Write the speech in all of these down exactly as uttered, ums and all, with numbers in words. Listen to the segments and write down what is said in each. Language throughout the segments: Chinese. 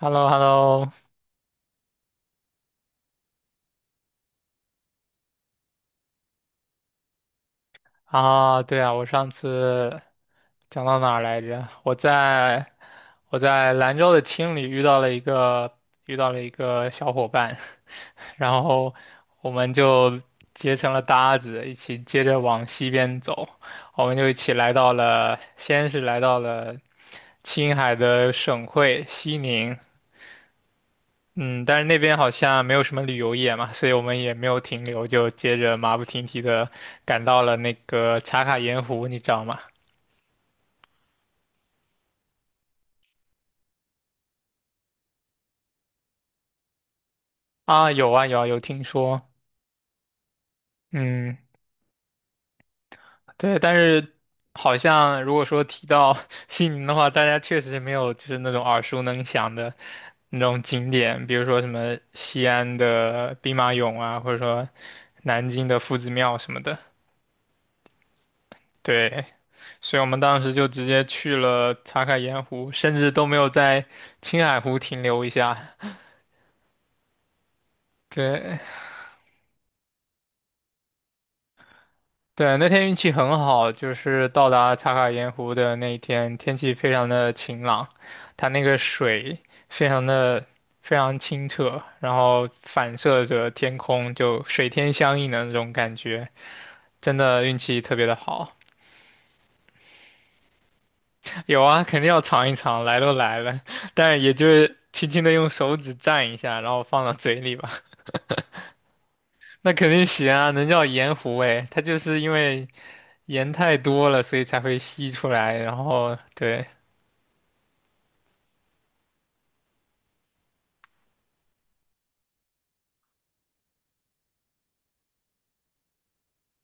h e l l o h e l l o 啊，对啊，我上次讲到哪儿来着？我在我在兰州的青旅遇到了一个遇到了一个小伙伴，然后我们就结成了搭子，一起接着往西边走，我们就一起来到了，先是来到了青海的省会西宁，嗯，但是那边好像没有什么旅游业嘛，所以我们也没有停留，就接着马不停蹄的赶到了那个茶卡盐湖，你知道吗？啊，有啊有啊，有听说，嗯，对，但是好像如果说提到 西宁的话，大家确实是没有就是那种耳熟能详的那种景点，比如说什么西安的兵马俑啊，或者说南京的夫子庙什么的，对。所以我们当时就直接去了茶卡盐湖，甚至都没有在青海湖停留一下。对对，那天运气很好，就是到达茶卡盐湖的那一天，天气非常的晴朗，它那个水非常的非常清澈，然后反射着天空，就水天相映的那种感觉，真的运气特别的好。有啊，肯定要尝一尝，来都来了，但也就是轻轻的用手指蘸一下，然后放到嘴里吧。那肯定行啊，能叫盐湖诶，它就是因为盐太多了，所以才会吸出来，然后对，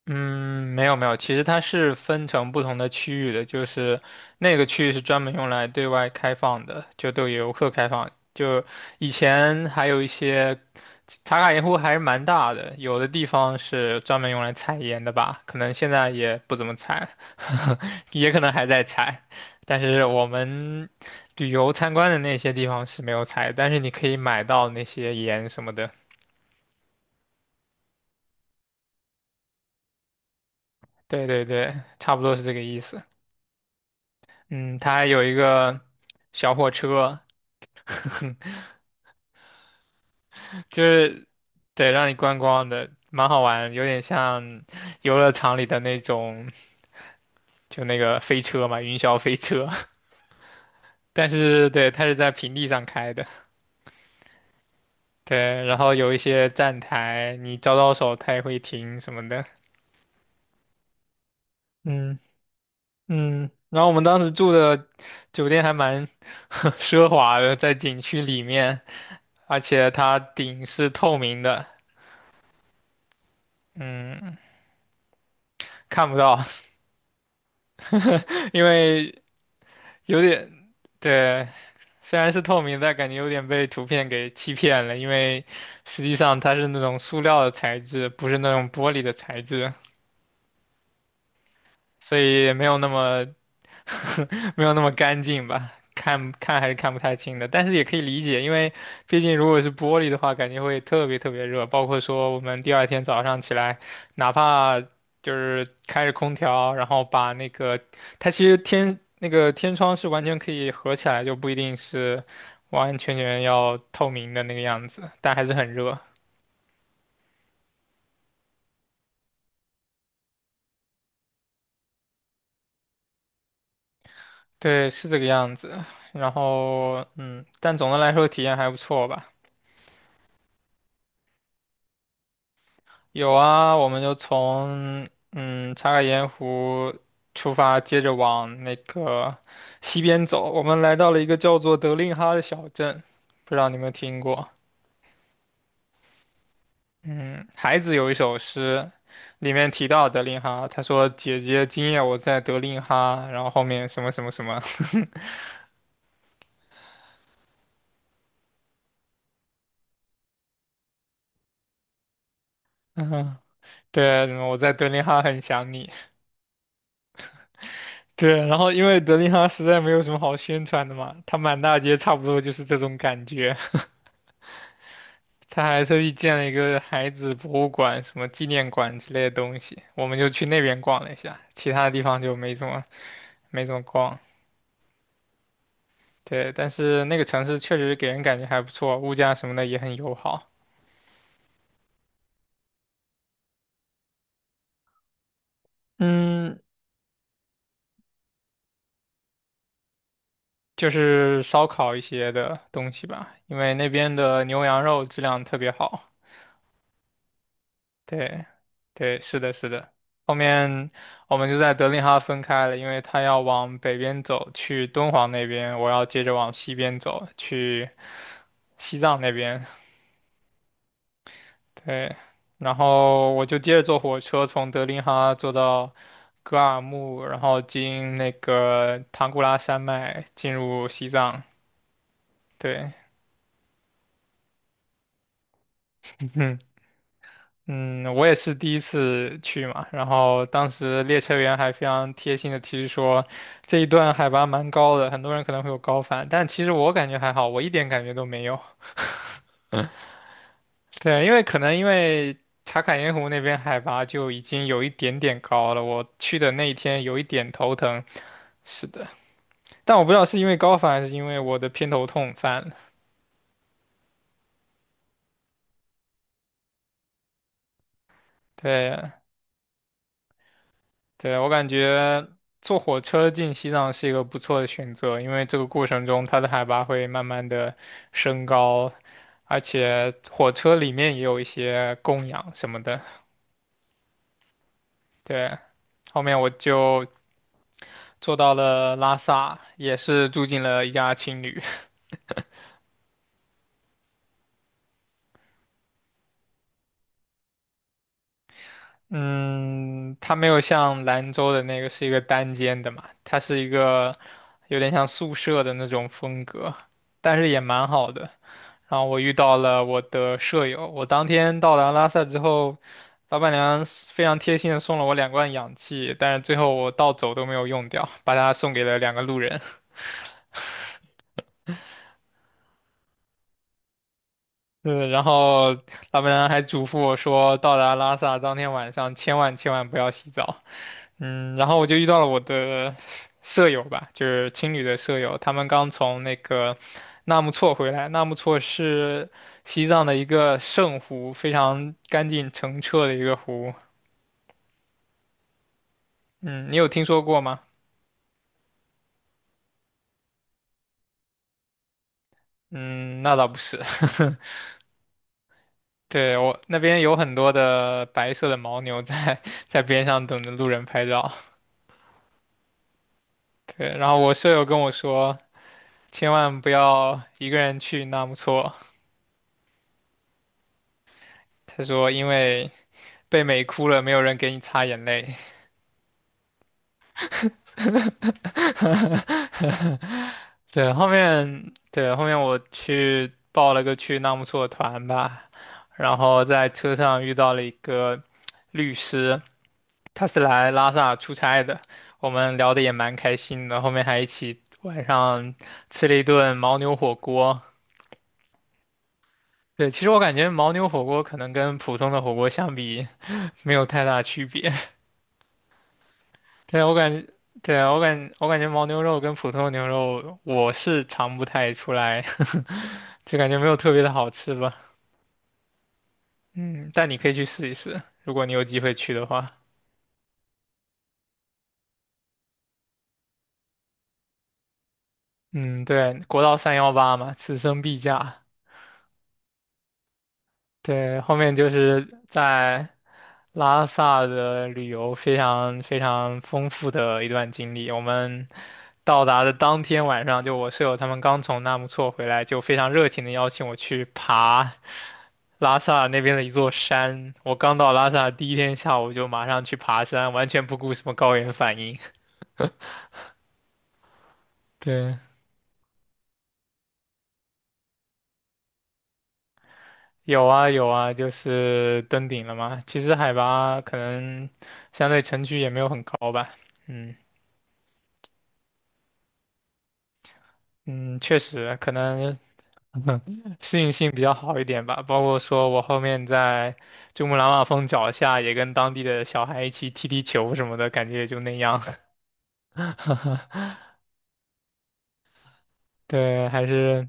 嗯，没有没有，其实它是分成不同的区域的，就是那个区域是专门用来对外开放的，就对游客开放。就以前还有一些茶卡盐湖还是蛮大的，有的地方是专门用来采盐的吧，可能现在也不怎么采，也可能还在采。但是我们旅游参观的那些地方是没有采，但是你可以买到那些盐什么的。对对对，差不多是这个意思。嗯，它还有一个小火车，就是对让你观光的，蛮好玩，有点像游乐场里的那种，就那个飞车嘛，云霄飞车。但是对，它是在平地上开的，对，然后有一些站台，你招招手，它也会停什么的。嗯嗯，然后我们当时住的酒店还蛮 奢华的，在景区里面，而且它顶是透明的。嗯，看不到，因为有点，对，虽然是透明，但感觉有点被图片给欺骗了，因为实际上它是那种塑料的材质，不是那种玻璃的材质，所以也没有那么 没有那么干净吧，看看还是看不太清的，但是也可以理解，因为毕竟如果是玻璃的话，感觉会特别特别热，包括说我们第二天早上起来，哪怕就是开着空调，然后把那个它其实天那个天窗是完全可以合起来，就不一定是完完全全要透明的那个样子，但还是很热，对，是这个样子。然后，嗯，但总的来说体验还不错吧。有啊，我们就从嗯查卡盐湖出发，接着往那个西边走。我们来到了一个叫做德令哈的小镇，不知道你有没有听过？嗯，孩子有一首诗，里面提到德令哈，他说：“姐姐，今夜我在德令哈。”然后后面什么什么什么，嗯，对，我在德令哈很想你。对，然后因为德令哈实在没有什么好宣传的嘛，它满大街差不多就是这种感觉。他还特意建了一个孩子博物馆、什么纪念馆之类的东西，我们就去那边逛了一下，其他地方就没怎么没怎么逛。对，但是那个城市确实给人感觉还不错，物价什么的也很友好。嗯，就是烧烤一些的东西吧，因为那边的牛羊肉质量特别好。对，对，是的，是的。后面我们就在德令哈分开了，因为他要往北边走去敦煌那边，我要接着往西边走去西藏那边。对，然后我就接着坐火车从德令哈坐到格尔木，然后经那个唐古拉山脉进入西藏。对，嗯。嗯，我也是第一次去嘛，然后当时列车员还非常贴心的提示说，这一段海拔蛮高的，很多人可能会有高反，但其实我感觉还好，我一点感觉都没有。对，因为可能因为茶卡盐湖那边海拔就已经有一点点高了，我去的那一天有一点头疼，是的，但我不知道是因为高反还是因为我的偏头痛犯了。对，对，我感觉坐火车进西藏是一个不错的选择，因为这个过程中它的海拔会慢慢的升高，而且火车里面也有一些供氧什么的。对，后面我就坐到了拉萨，也是住进了一家青旅。嗯，它没有像兰州的那个是一个单间的嘛，它是一个有点像宿舍的那种风格，但是也蛮好的。然后我遇到了我的舍友，我当天到达拉萨之后，老板娘是非常贴心的送了我两罐氧气，但是最后我到走都没有用掉，把它送给了两个路人。对，然后老板娘还嘱咐我说，到达拉萨当天晚上千万千万不要洗澡。嗯，然后我就遇到了我的舍友吧，就是青旅的舍友，他们刚从那个纳木错回来。纳木错是西藏的一个圣湖，非常干净澄澈的一个湖。嗯，你有听说过吗？嗯，那倒不是。对，我那边有很多的白色的牦牛在 在边上等着路人拍照。对，然后我舍友跟我说。千万不要一个人去纳木错。他说，因为被美哭了，没有人给你擦眼泪。对，后面对，后面我去报了个去纳木错团吧，然后在车上遇到了一个律师，他是来拉萨出差的，我们聊得也蛮开心的，后面还一起晚上吃了一顿牦牛火锅。对，其实我感觉牦牛火锅可能跟普通的火锅相比，没有太大区别。对，我感觉，对啊，我感我感觉牦牛肉跟普通牛肉我是尝不太出来，就感觉没有特别的好吃吧。嗯，但你可以去试一试，如果你有机会去的话。嗯，对，国道三幺八嘛，此生必驾。对，后面就是在拉萨的旅游非常非常丰富的一段经历。我们到达的当天晚上，就我舍友他们刚从纳木错回来，就非常热情的邀请我去爬拉萨那边的一座山。我刚到拉萨第一天下午就马上去爬山，完全不顾什么高原反应。对，有啊有啊，就是登顶了嘛。其实海拔可能相对城区也没有很高吧，嗯。嗯，确实，可能 适应性比较好一点吧。包括说我后面在珠穆朗玛峰脚下，也跟当地的小孩一起踢踢球什么的，感觉也就那样。对，还是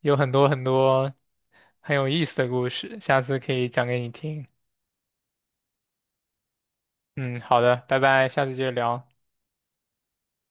有很多很多很有意思的故事，下次可以讲给你听。嗯，好的，拜拜，下次接着聊。